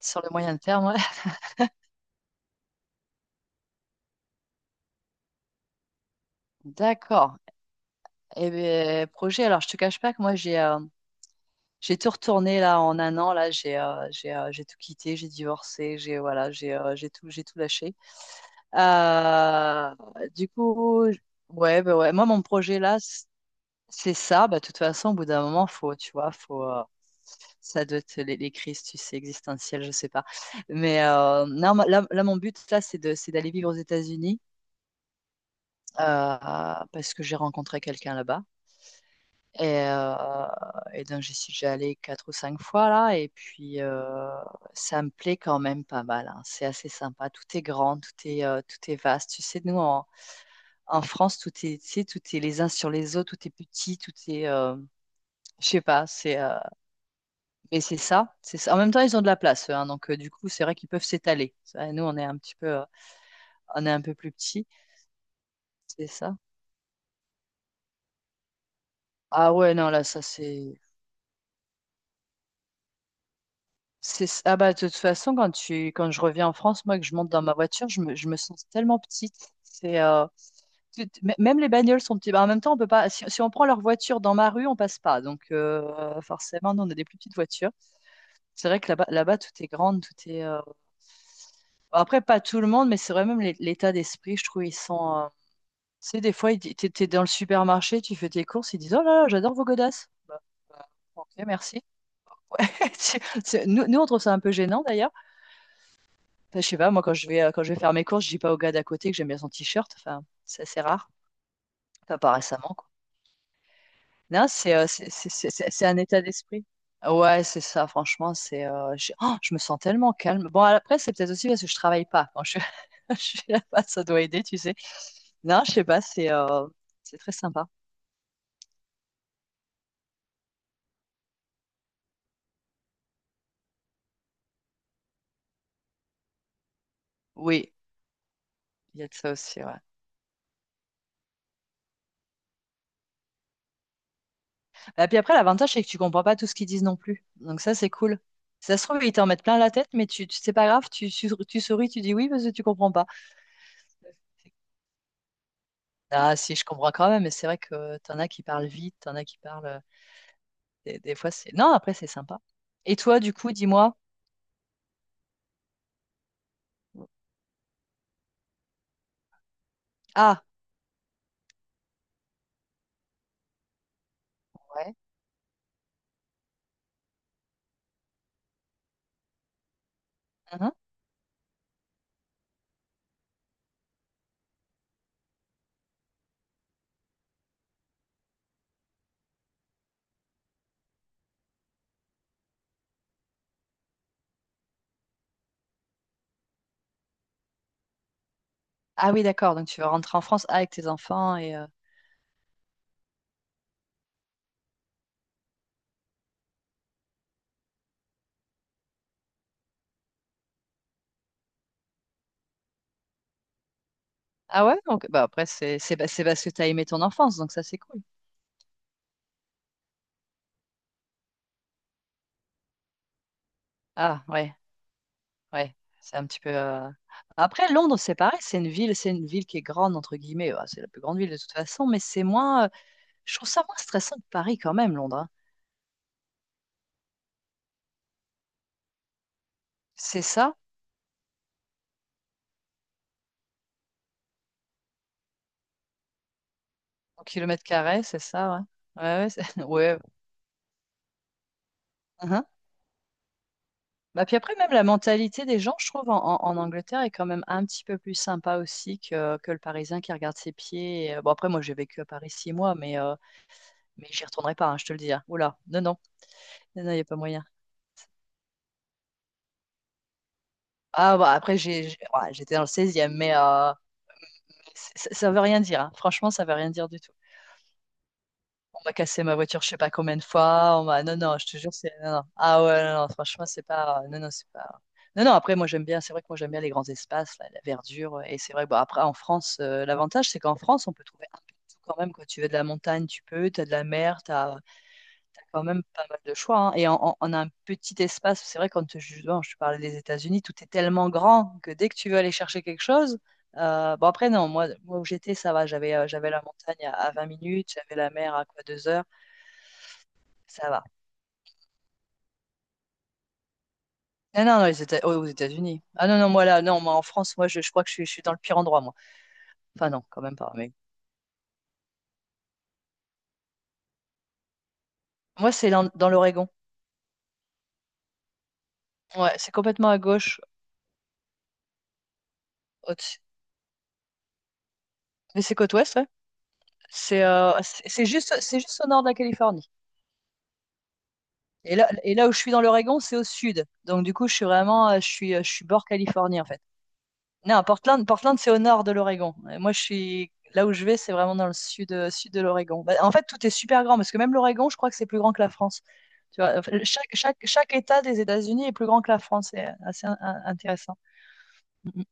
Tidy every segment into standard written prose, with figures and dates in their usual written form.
Sur le moyen terme, ouais. D'accord. Eh bien, projet, alors je te cache pas que moi j'ai tout retourné là en un an, là j'ai tout quitté, j'ai divorcé, j'ai voilà, j'ai tout lâché. Euh, du coup, ouais, bah ouais, moi mon projet là, c'est ça. Bah, de toute façon, au bout d'un moment, faut, tu vois, faut ça doit être les crises, tu sais, existentielles, je sais pas. Non, là, mon but, là, c'est d'aller vivre aux États-Unis euh, parce que j'ai rencontré quelqu'un là-bas. Et, euh, et donc, j'y suis déjà allée quatre ou cinq fois là, et puis ça me plaît quand même pas mal, hein. C'est assez sympa. Tout est grand, tout est vaste. Tu sais, en France, tout est, tu sais, tout est les uns sur les autres, tout est petit, je sais pas. Mais c'est ça, c'est ça. En même temps, ils ont de la place, eux, hein, du coup, c'est vrai qu'ils peuvent s'étaler. Ça, nous, on est un peu plus petit, c'est ça. Ah ouais, non, là, ça c'est. Ah bah, de toute façon, quand tu, quand je reviens en France, moi, que je monte dans ma voiture, je me sens tellement petite. Même les bagnoles sont petites. Bah, en même temps, on peut pas, si on prend leur voiture dans ma rue, on passe pas. Donc, forcément, nous, on a des plus petites voitures. C'est vrai que là-bas, tout est grand, après, pas tout le monde, mais c'est vrai, même l'état d'esprit, je trouve, tu sais, des fois, t'es dans le supermarché, tu fais tes courses, ils disent, « Oh là là, j'adore vos godasses. » Bah, bah, ok, merci. Tu- Nous, on trouve ça un peu gênant, d'ailleurs. Enfin, je sais pas, moi, quand je vais faire mes courses, je dis pas au gars d'à côté que j'aime bien son t-shirt. Enfin, c'est assez rare. Enfin, pas récemment, quoi. Non, c'est un état d'esprit. Ouais, c'est ça, franchement, oh, je me sens tellement calme. Bon, après, c'est peut-être aussi parce que je travaille pas. Quand je, je suis là-bas, ça doit aider, tu sais. Non, je sais pas, c'est très sympa. Oui, il y a de ça aussi, ouais. Et puis après, l'avantage, c'est que tu comprends pas tout ce qu'ils disent non plus. Donc ça, c'est cool. Ça se trouve, ils t'en mettent plein la tête, mais c'est pas grave, tu souris, tu dis oui parce que tu comprends pas. Ah si, je comprends quand même, mais c'est vrai que t'en as qui parlent vite, t'en as qui parlent. Des fois, c'est. Non, après, c'est sympa. Et toi, du coup, dis-moi. Ah, ouais. Mhm. Ah oui, d'accord. Donc, tu vas rentrer en France avec tes enfants ah ouais? Donc, bah, après, c'est parce que t'as aimé ton enfance, donc ça, c'est cool. Ah ouais, ouais. C'est un petit peu. Après, Londres, c'est pareil. C'est une ville qui est grande entre guillemets. Bah, c'est la plus grande ville de toute façon, mais c'est moins. Je trouve ça moins stressant que Paris quand même, Londres, hein. C'est ça. Au kilomètre carré, c'est ça, ouais. Ouais, ouais. Ouais. Mhm. Bah, puis après, même la mentalité des gens, je trouve, en Angleterre est quand même un petit peu plus sympa aussi que le Parisien qui regarde ses pieds. Bon, après, moi, j'ai vécu à Paris 6 mois, mais j'y retournerai pas, hein, je te le dis, hein. Oula, non, il n'y a pas moyen. Ah, bah, après, ouais, j'étais dans le seizième, ça, ça veut rien dire, hein. Franchement, ça veut rien dire du tout. On m'a cassé ma voiture, je sais pas combien de fois. On m'a... Non, non, je te jure, c'est. Non, non. Ah ouais, non, non, franchement, c'est pas. Non, non, c'est pas. Non, non, après, moi, j'aime bien. C'est vrai que moi, j'aime bien les grands espaces, la verdure. Et c'est vrai que, bon, après, en France, l'avantage, c'est qu'en France, on peut trouver un peu de tout quand même. Quand tu veux de la montagne, tu peux. Tu as de la mer, tu as, quand même pas mal de choix, hein. On a un petit espace. C'est vrai, quand je, bon, je te parlais des États-Unis, tout est tellement grand que dès que tu veux aller chercher quelque chose. Euh, bon, après, non, moi où j'étais, ça va. J'avais la montagne à 20 minutes, j'avais la mer à quoi 2 heures. Ça va. Non, non, non, les Éta- aux aux États-Unis. Ah non, non, moi là, non, moi en France, je crois que je suis dans le pire endroit, moi. Enfin non, quand même pas, mais... Moi c'est dans l'Oregon. Ouais, c'est complètement à gauche, au-dessus. Mais c'est côte ouest, ouais. C'est juste au nord de la Californie. Et là où je suis dans l'Oregon, c'est au sud. Donc du coup, je suis vraiment, je suis bord Californie en fait. Non, Portland, c'est au nord de l'Oregon. Moi, je suis là où je vais, c'est vraiment dans le sud, sud de l'Oregon. Bah, en fait, tout est super grand parce que même l'Oregon, je crois que c'est plus grand que la France. Tu vois, enfin, chaque État des États-Unis est plus grand que la France. C'est assez intéressant. Mhm.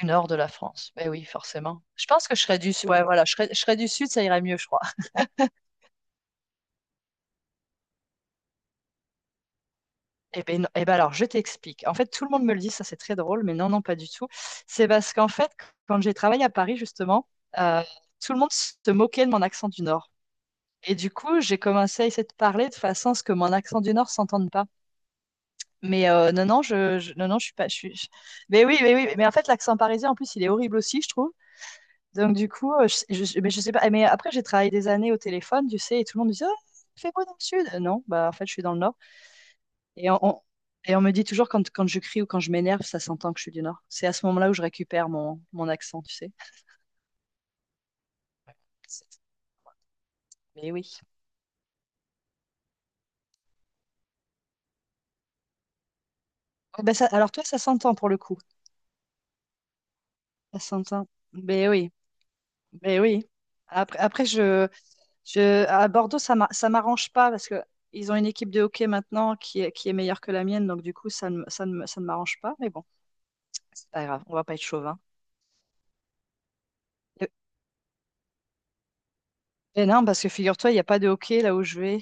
Du nord de la France. Ben oui, forcément. Je pense que je serais du sud. Ouais, voilà, je serais du sud, ça irait mieux, je crois. Eh ben alors, je t'explique. En fait, tout le monde me le dit, ça c'est très drôle, mais non, non, pas du tout. C'est parce qu'en fait, quand j'ai travaillé à Paris, justement, euh, tout le monde se moquait de mon accent du nord. Et du coup, j'ai commencé à essayer de parler de façon à ce que mon accent du Nord s'entende pas. Non, non, je suis pas. Mais oui, mais oui, mais en fait, l'accent parisien, en plus, il est horrible aussi, je trouve. Donc, du coup, mais je sais pas. Mais après, j'ai travaillé des années au téléphone, tu sais, et tout le monde me dit, « Ah, fais beau dans le Sud. » non, bah, en fait, je suis dans le Nord. Et on, on- et on me dit toujours quand, quand je crie ou quand je m'énerve, ça s'entend que je suis du Nord. C'est à ce moment-là où je récupère mon accent, tu sais. C'est- Mais oui. Ah, bah alors, toi, ça s'entend pour le coup. Ça s'entend. Mais oui. Mais oui. Après, après je, je, à Bordeaux, ça m'arrange pas parce que ils ont une équipe de hockey maintenant qui est meilleure que la mienne. Donc, du coup, ça ne m'arrange pas. Mais bon, c'est pas grave. On va pas être chauvin. Et, et non, parce que figure-toi, il n'y a pas de hockey là où je vais.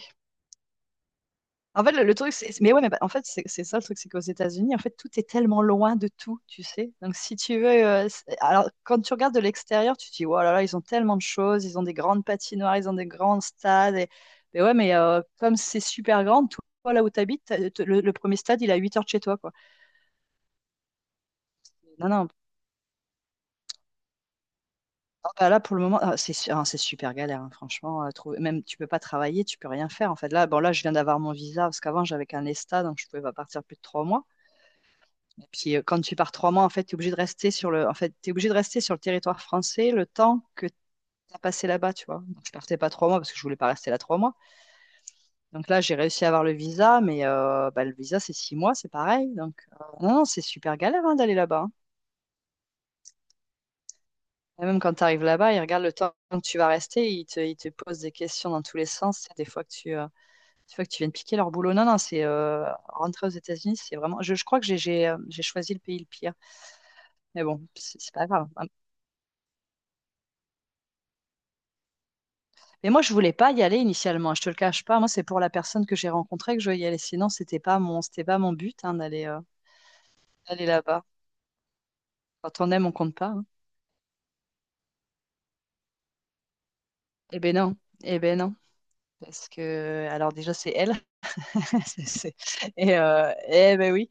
En fait, le truc, c'est mais ouais, mais bah, en fait, c'est ça le truc, c'est qu'aux États-Unis, en fait, tout est tellement loin de tout, tu sais. Donc, si tu veux, c'est- alors quand tu regardes de l'extérieur, tu te dis, oh là là, ils ont tellement de choses, ils ont des grandes patinoires, ils ont des grands stades. Et... Mais ouais, mais comme c'est super grand, toi, là où tu habites, le premier stade, il est à 8 heures de chez toi, quoi. Non, non. Ah, bah là, pour le moment, ah, ah, c'est super galère, hein, franchement. Euh, trouver- Même tu peux pas travailler, tu peux rien faire. En fait, là, bon, là, je viens d'avoir mon visa parce qu'avant, j'avais qu'un ESTA, donc je pouvais pas partir plus de 3 mois. Puis quand tu pars 3 mois, en fait, tu es obligé de rester sur le, en fait, t'es obligé de rester sur le territoire français le temps que tu as passé là-bas, tu vois. Donc, je partais pas 3 mois parce que je voulais pas rester là 3 mois. Donc là, j'ai réussi à avoir le visa, mais bah, le visa, c'est 6 mois, c'est pareil. Donc non, non, c'est super galère hein, d'aller là-bas, hein. Et même quand tu arrives là-bas, ils regardent le temps que tu vas rester, ils te posent des questions dans tous les sens. Des fois que tu viens de piquer leur boulot. Non, non, c'est rentrer aux États-Unis, c'est vraiment. Je crois que j'ai choisi le pays le pire. Mais bon, c'est pas grave. Mais moi, je voulais pas y aller initialement, je te le cache pas. Moi, c'est pour la personne que j'ai rencontrée que je veux y aller. Sinon, c'était pas mon but hein, d'aller là-bas. Quand on aime, on compte pas, hein. Eh ben non, eh ben non. Parce que, alors déjà, c'est elle. C'est- c'est- Et, eh ben oui.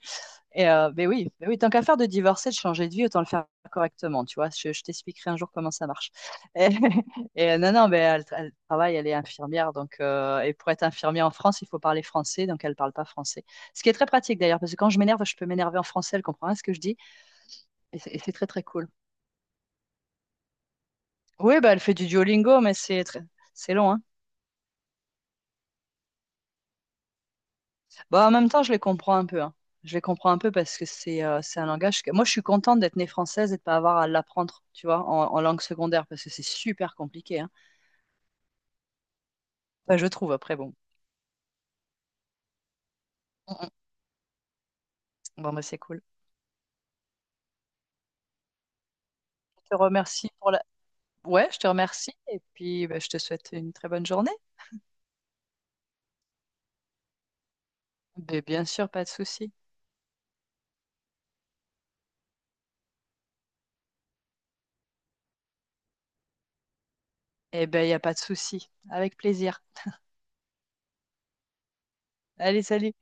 Et mais oui, tant qu'à faire de divorcer, de changer de vie, autant le faire correctement, tu vois. Je t'expliquerai un jour comment ça marche. Et, non, non, mais elle, elle travaille, elle est infirmière, donc et pour être infirmière en France, il faut parler français, donc elle parle pas français. Ce qui est très pratique d'ailleurs, parce que quand je m'énerve, je peux m'énerver en français, elle comprend rien à ce que je dis, et c'est très très cool. Oui, bah elle fait du Duolingo, c'est long, hein. Bah, en même temps, je les comprends un peu, hein. Je les comprends un peu parce que c'est un langage que... Moi, je suis contente d'être née française et de pas avoir à l'apprendre, tu vois, en langue secondaire, parce que c'est super compliqué, hein. Enfin, je trouve, après, bon. Mm, mm. Bon, bah, c'est cool. Je te remercie pour la... Ouais, je te remercie. Et puis, bah, je te souhaite une très bonne journée. Mais bien sûr, pas de souci. Eh ben, il n'y a pas de souci. Avec plaisir. Allez, salut.